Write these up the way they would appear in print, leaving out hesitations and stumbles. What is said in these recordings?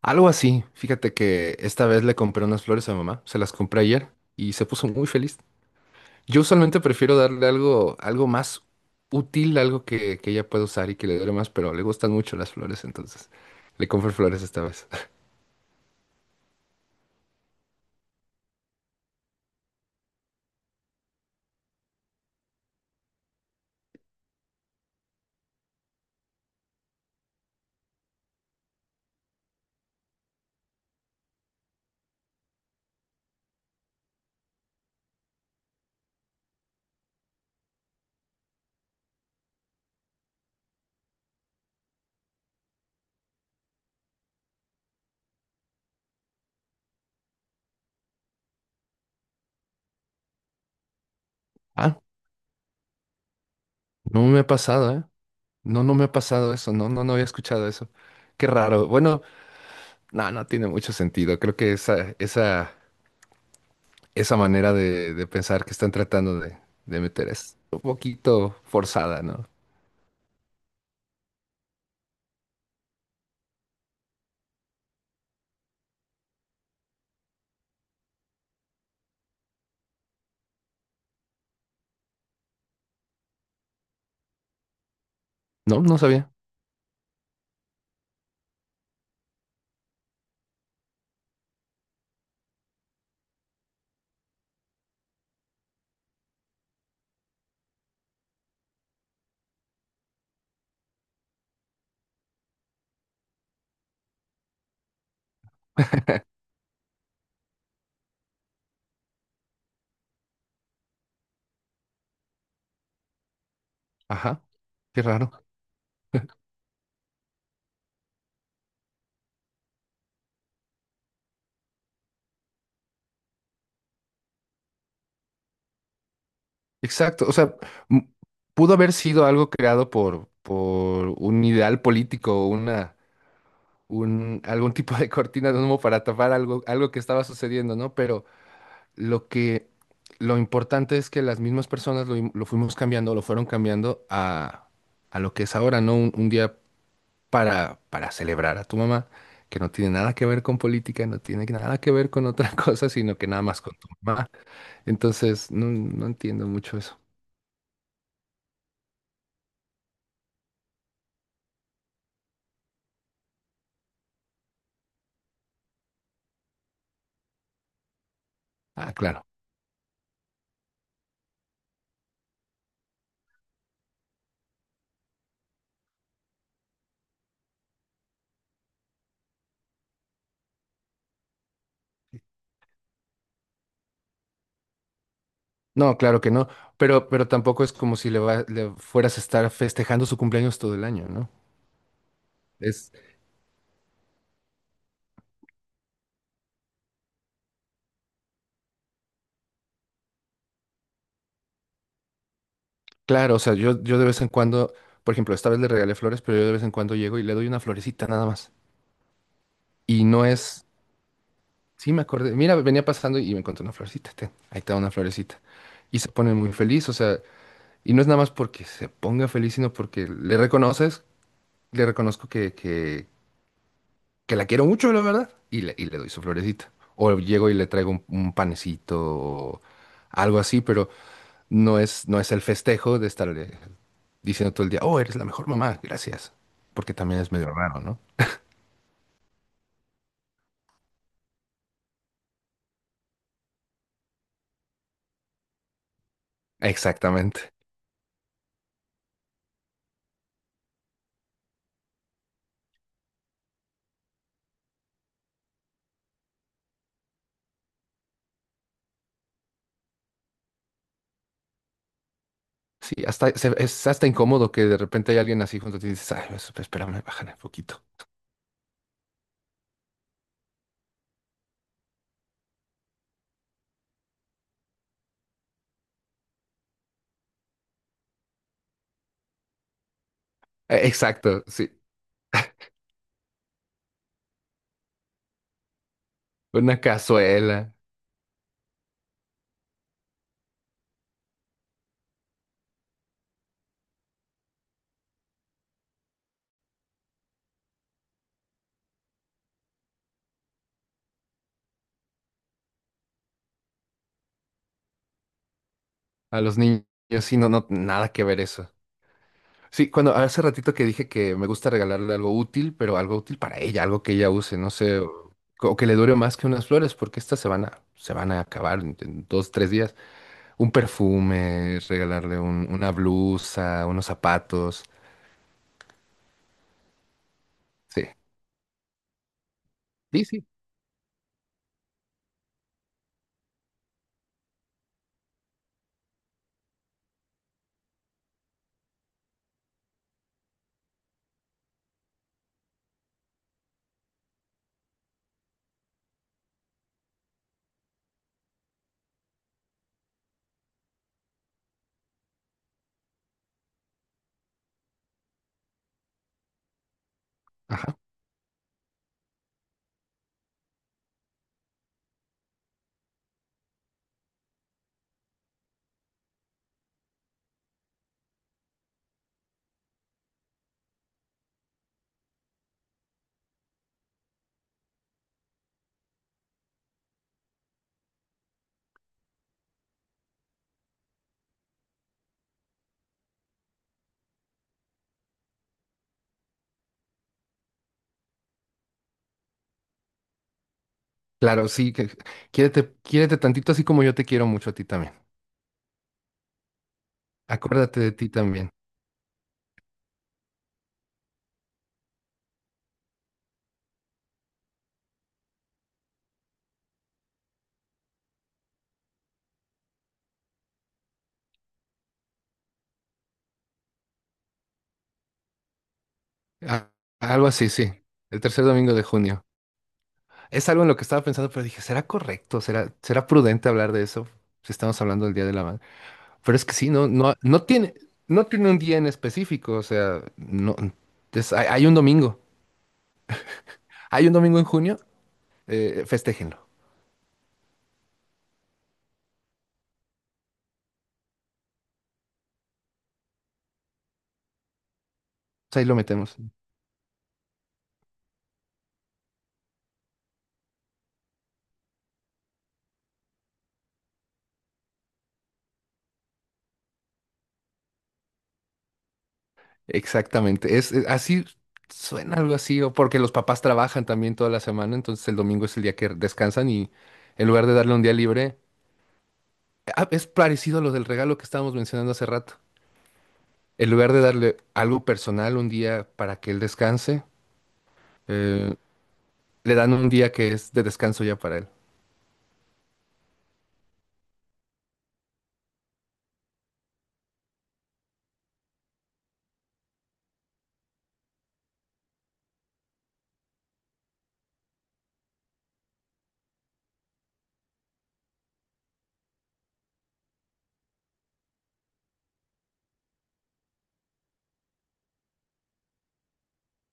Algo así. Fíjate que esta vez le compré unas flores a mamá, se las compré ayer y se puso muy feliz. Yo usualmente prefiero darle algo más útil, algo que ella pueda usar y que le dure más, pero le gustan mucho las flores, entonces le compré flores esta vez. Ah, no me ha pasado, ¿eh? No, no me ha pasado eso, no, no, no había escuchado eso. Qué raro. Bueno, no, no tiene mucho sentido. Creo que esa manera de pensar que están tratando de meter es un poquito forzada, ¿no? No, no sabía. Ajá, qué raro. Exacto, o sea, m- pudo haber sido algo creado por un ideal político, algún tipo de cortina de humo para tapar algo que estaba sucediendo, ¿no? Pero lo que, lo importante es que las mismas personas lo fuimos cambiando, lo fueron cambiando a lo que es ahora, ¿no? Un día para celebrar a tu mamá, que no tiene nada que ver con política, no tiene nada que ver con otra cosa, sino que nada más con tu mamá. Entonces, no, no entiendo mucho eso. Ah, claro. No, claro que no. Pero tampoco es como si le fueras a estar festejando su cumpleaños todo el año, ¿no? Es claro, o sea, yo de vez en cuando, por ejemplo, esta vez le regalé flores, pero yo de vez en cuando llego y le doy una florecita nada más. Y no es, sí me acordé, mira, venía pasando y me encontré una florecita, ten, ahí está una florecita. Y se pone muy feliz, o sea, y no es nada más porque se ponga feliz, sino porque le reconoces, le reconozco que la quiero mucho, la verdad, y le doy su florecita. O llego y le traigo un panecito o algo así, pero no es, no es el festejo de estarle diciendo todo el día, oh, eres la mejor mamá, gracias. Porque también es medio raro, ¿no? Exactamente. Sí, es hasta incómodo que de repente hay alguien así junto a ti y dices, ay, pues, espérame, bájale un poquito. Exacto, sí. Una cazuela. A los niños, sí, no, no, nada que ver eso. Sí, cuando hace ratito que dije que me gusta regalarle algo útil, pero algo útil para ella, algo que ella use, no sé, o que le dure más que unas flores, porque estas se van a acabar en dos, tres días. Un perfume, regalarle un- una blusa, unos zapatos. Sí, sí, sí. Ajá. Claro, sí, quiérete, quiérete tantito así como yo te quiero mucho a ti también. Acuérdate de ti también. Ah, algo así, sí. El tercer domingo de junio. Es algo en lo que estaba pensando, pero dije, ¿será correcto? ¿Será prudente hablar de eso? Si estamos hablando del Día de la Madre. Pero es que sí, no, no, no tiene, no tiene un día en específico. O sea, no, hay un domingo. Hay un domingo en junio, festéjenlo. O sea, ahí lo metemos. Exactamente. Así suena algo así, o porque los papás trabajan también toda la semana, entonces el domingo es el día que descansan y en lugar de darle un día libre, ah, es parecido a lo del regalo que estábamos mencionando hace rato. En lugar de darle algo personal un día para que él descanse, eh, le dan un día que es de descanso ya para él.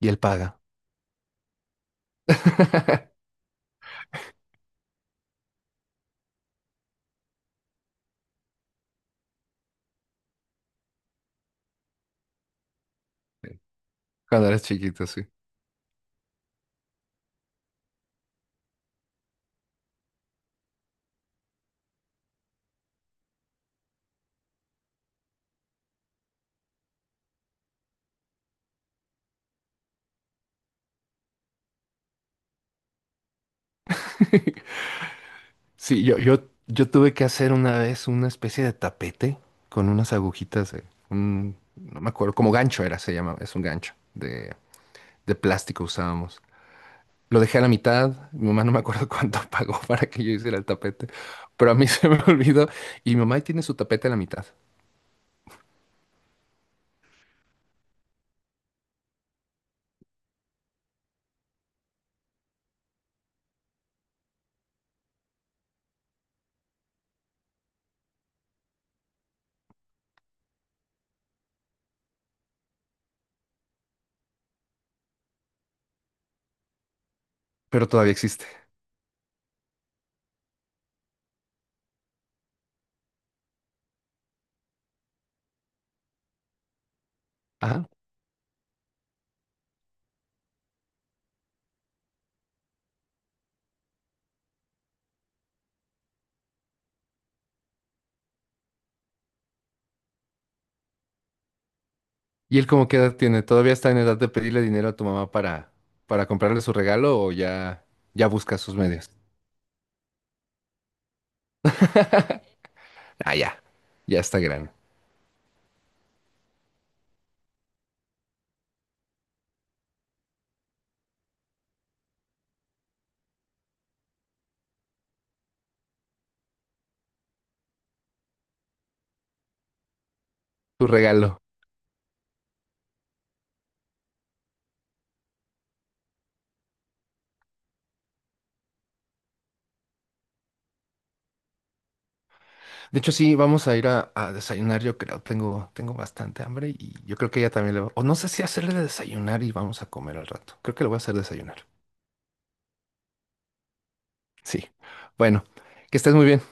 Y él paga. Cuando eres chiquito, sí. Sí, yo tuve que hacer una vez una especie de tapete con unas agujitas de no me acuerdo, como gancho era, se llama, es un gancho de plástico usábamos. Lo dejé a la mitad, mi mamá no me acuerdo cuánto pagó para que yo hiciera el tapete, pero a mí se me olvidó y mi mamá ahí tiene su tapete a la mitad, pero todavía existe. Ajá. ¿Y él como qué edad tiene? ¿Todavía está en edad de pedirle dinero a tu mamá para comprarle su regalo o ya busca sus medios? Ah, ya. Ya está grande. Tu regalo. De hecho, sí, vamos a ir a desayunar, yo creo. Tengo bastante hambre y yo creo que ella también le va. O no sé si hacerle de desayunar y vamos a comer al rato. Creo que le voy a hacer desayunar. Sí. Bueno, que estés muy bien.